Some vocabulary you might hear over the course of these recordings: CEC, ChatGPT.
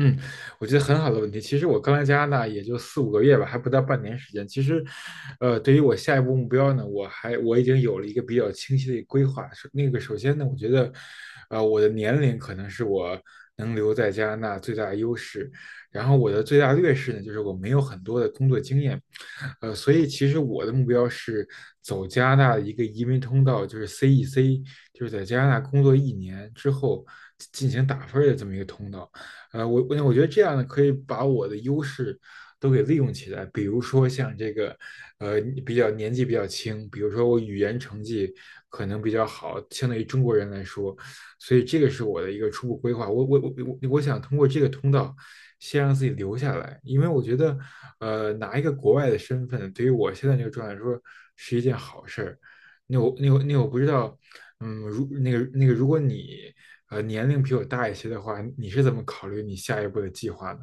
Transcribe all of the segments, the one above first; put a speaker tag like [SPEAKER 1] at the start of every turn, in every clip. [SPEAKER 1] 嗯，我觉得很好的问题。其实我刚来加拿大也就四五个月吧，还不到半年时间。其实，对于我下一步目标呢，我已经有了一个比较清晰的一个规划。首那个首先呢，我觉得，我的年龄可能是我能留在加拿大最大的优势。然后我的最大劣势呢，就是我没有很多的工作经验，所以其实我的目标是走加拿大的一个移民通道，就是 CEC，就是在加拿大工作1年之后进行打分儿的这么一个通道。我觉得这样呢，可以把我的优势都给利用起来。比如说像这个，呃，比较年纪比较轻，比如说我语言成绩可能比较好，相对于中国人来说，所以这个是我的一个初步规划。我想通过这个通道，先让自己留下来，因为我觉得，拿一个国外的身份，对于我现在这个状态来说是一件好事儿。那我不知道，如那个那个，如果你年龄比我大一些的话，你是怎么考虑你下一步的计划呢？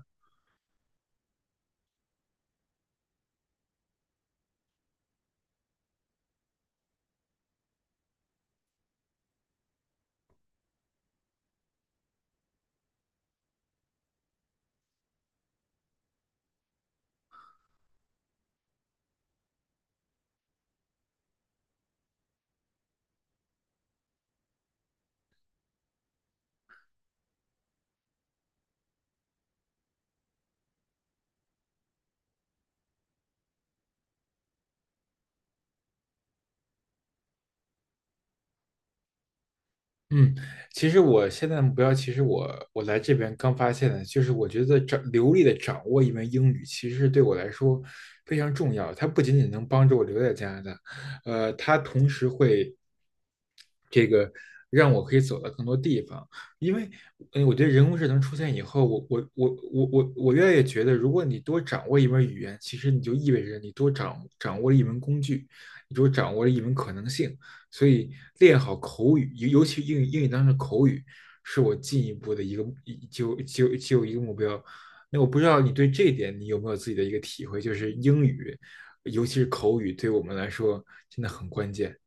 [SPEAKER 1] 嗯，其实我现在的目标，其实我来这边刚发现的，就是我觉得流利的掌握一门英语，其实对我来说非常重要。它不仅仅能帮助我留在加拿大，它同时会这个让我可以走到更多地方。因为，我觉得人工智能出现以后，我越来越觉得，如果你多掌握一门语言，其实你就意味着你多掌握了一门工具，你多掌握了一门可能性。所以，练好口语，尤其英语当中的口语，是我进一步的一个目标。那我不知道你对这一点你有没有自己的一个体会，就是英语，尤其是口语，对我们来说真的很关键。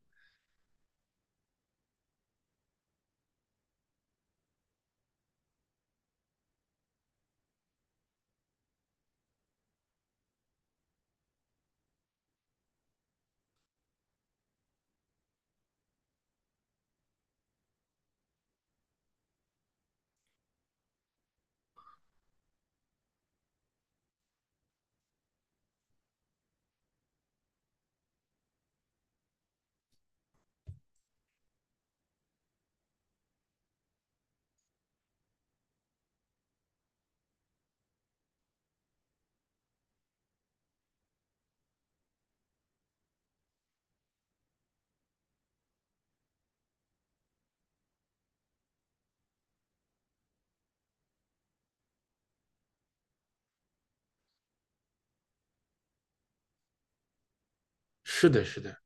[SPEAKER 1] 是的，是的。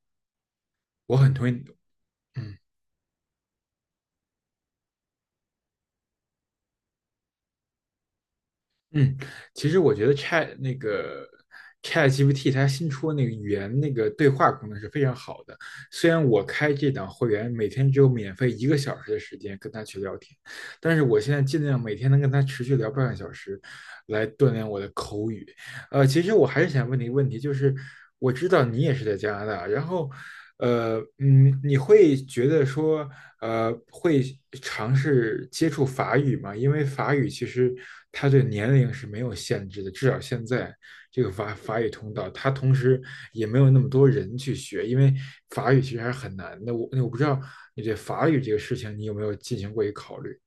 [SPEAKER 1] 我很同意，嗯嗯，其实我觉得 ChatGPT 它新出的那个语言那个对话功能是非常好的。虽然我开这档会员每天只有免费1个小时的时间跟他去聊天，但是我现在尽量每天能跟他持续聊半个小时，来锻炼我的口语。其实我还是想问你一个问题，就是我知道你也是在加拿大，然后，你会觉得说，会尝试接触法语吗？因为法语其实它对年龄是没有限制的，至少现在这个法语通道，它同时也没有那么多人去学，因为法语其实还是很难的。我不知道你对法语这个事情，你有没有进行过一个考虑？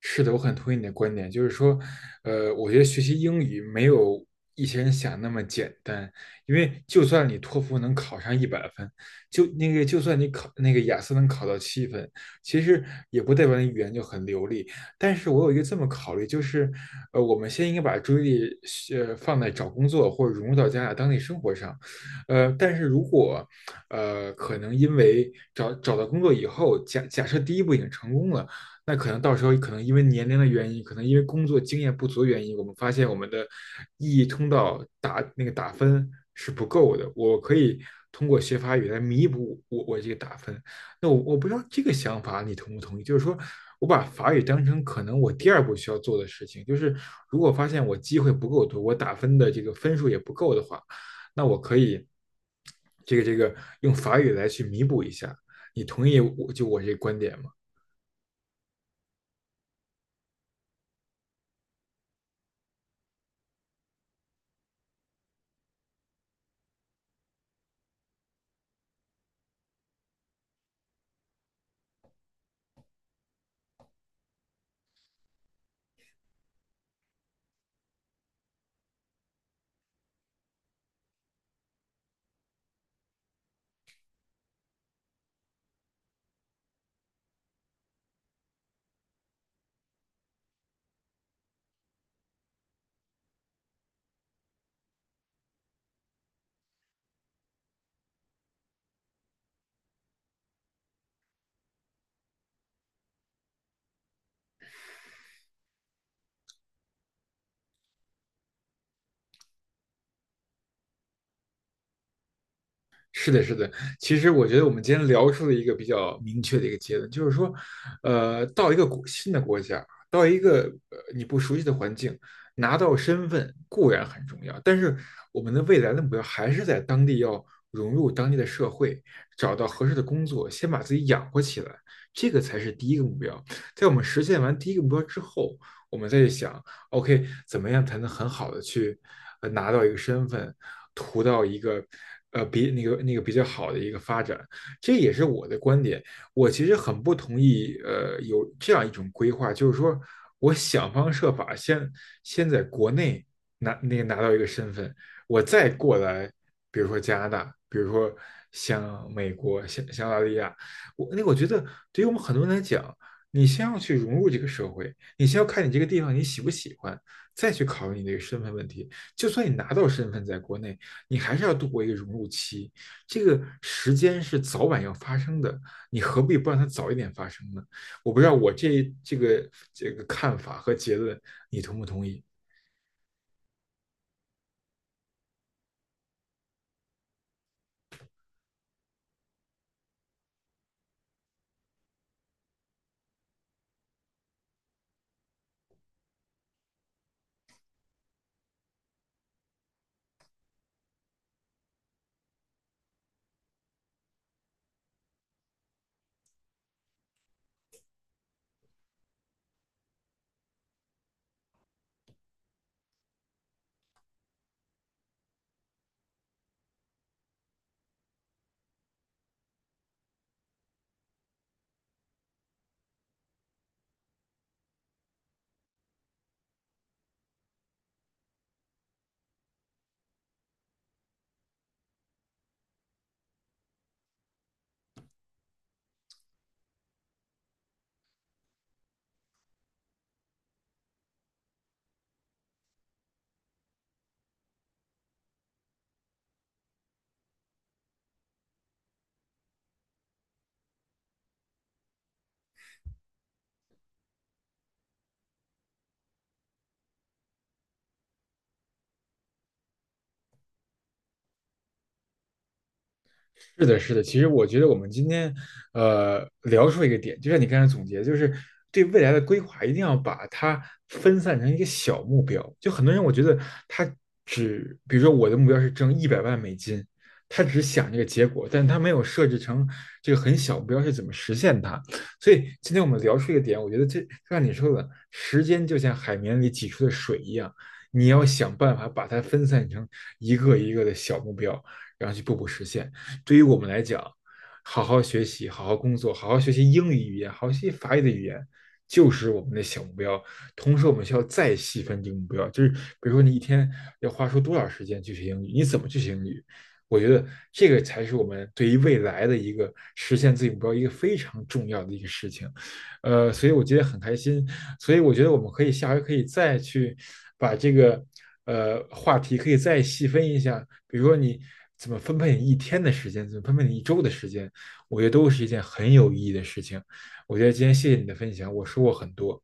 [SPEAKER 1] 是的，我很同意你的观点，就是说，我觉得学习英语没有一些人想那么简单，因为就算你托福能考上100分，就算你考那个雅思能考到7分，其实也不代表你语言就很流利。但是我有一个这么考虑，就是，我们先应该把注意力放在找工作或者融入到加拿大当地生活上，但是如果，可能因为找到工作以后，假设第一步已经成功了。那可能到时候可能因为年龄的原因，可能因为工作经验不足的原因，我们发现我们的意义通道打那个打分是不够的。我可以通过学法语来弥补我这个打分。那我不知道这个想法你同不同意？就是说我把法语当成可能我第二步需要做的事情，就是如果发现我机会不够多，我打分的这个分数也不够的话，那我可以这个这个用法语来去弥补一下。你同意我就我这个观点吗？是的，是的。其实我觉得我们今天聊出了一个比较明确的一个结论，就是说，到一个新的国家，到一个你不熟悉的环境，拿到身份固然很重要，但是我们的未来的目标还是在当地要融入当地的社会，找到合适的工作，先把自己养活起来，这个才是第一个目标。在我们实现完第一个目标之后，我们再去想，OK，怎么样才能很好的去拿到一个身份，图到一个比比较好的一个发展，这也是我的观点。我其实很不同意有这样一种规划，就是说我想方设法先在国内拿到一个身份，我再过来，比如说加拿大，比如说像美国、像澳大利亚，我那个我觉得对于我们很多人来讲。你先要去融入这个社会，你先要看你这个地方你喜不喜欢，再去考虑你这个身份问题。就算你拿到身份在国内，你还是要度过一个融入期，这个时间是早晚要发生的，你何必不让它早一点发生呢？我不知道我这个看法和结论，你同不同意？是的，是的。其实我觉得我们今天，聊出一个点，就像你刚才总结，就是对未来的规划一定要把它分散成一个小目标。就很多人，我觉得他只，比如说我的目标是挣100万美金，他只想这个结果，但他没有设置成这个很小目标是怎么实现它。所以今天我们聊出一个点，我觉得这就像你说的，时间就像海绵里挤出的水一样，你要想办法把它分散成一个一个的小目标，然后去步步实现。对于我们来讲，好好学习、好好工作、好好学习英语语言、好好学习法语的语言，就是我们的小目标。同时，我们需要再细分这个目标，就是比如说你一天要花出多少时间去学英语，你怎么去学英语？我觉得这个才是我们对于未来的一个实现自己目标一个非常重要的一个事情。所以我今天很开心。所以我觉得我们下回可以再去把这个话题可以再细分一下，比如说你怎么分配你一天的时间，怎么分配你一周的时间，我觉得都是一件很有意义的事情。我觉得今天谢谢你的分享，我说过很多。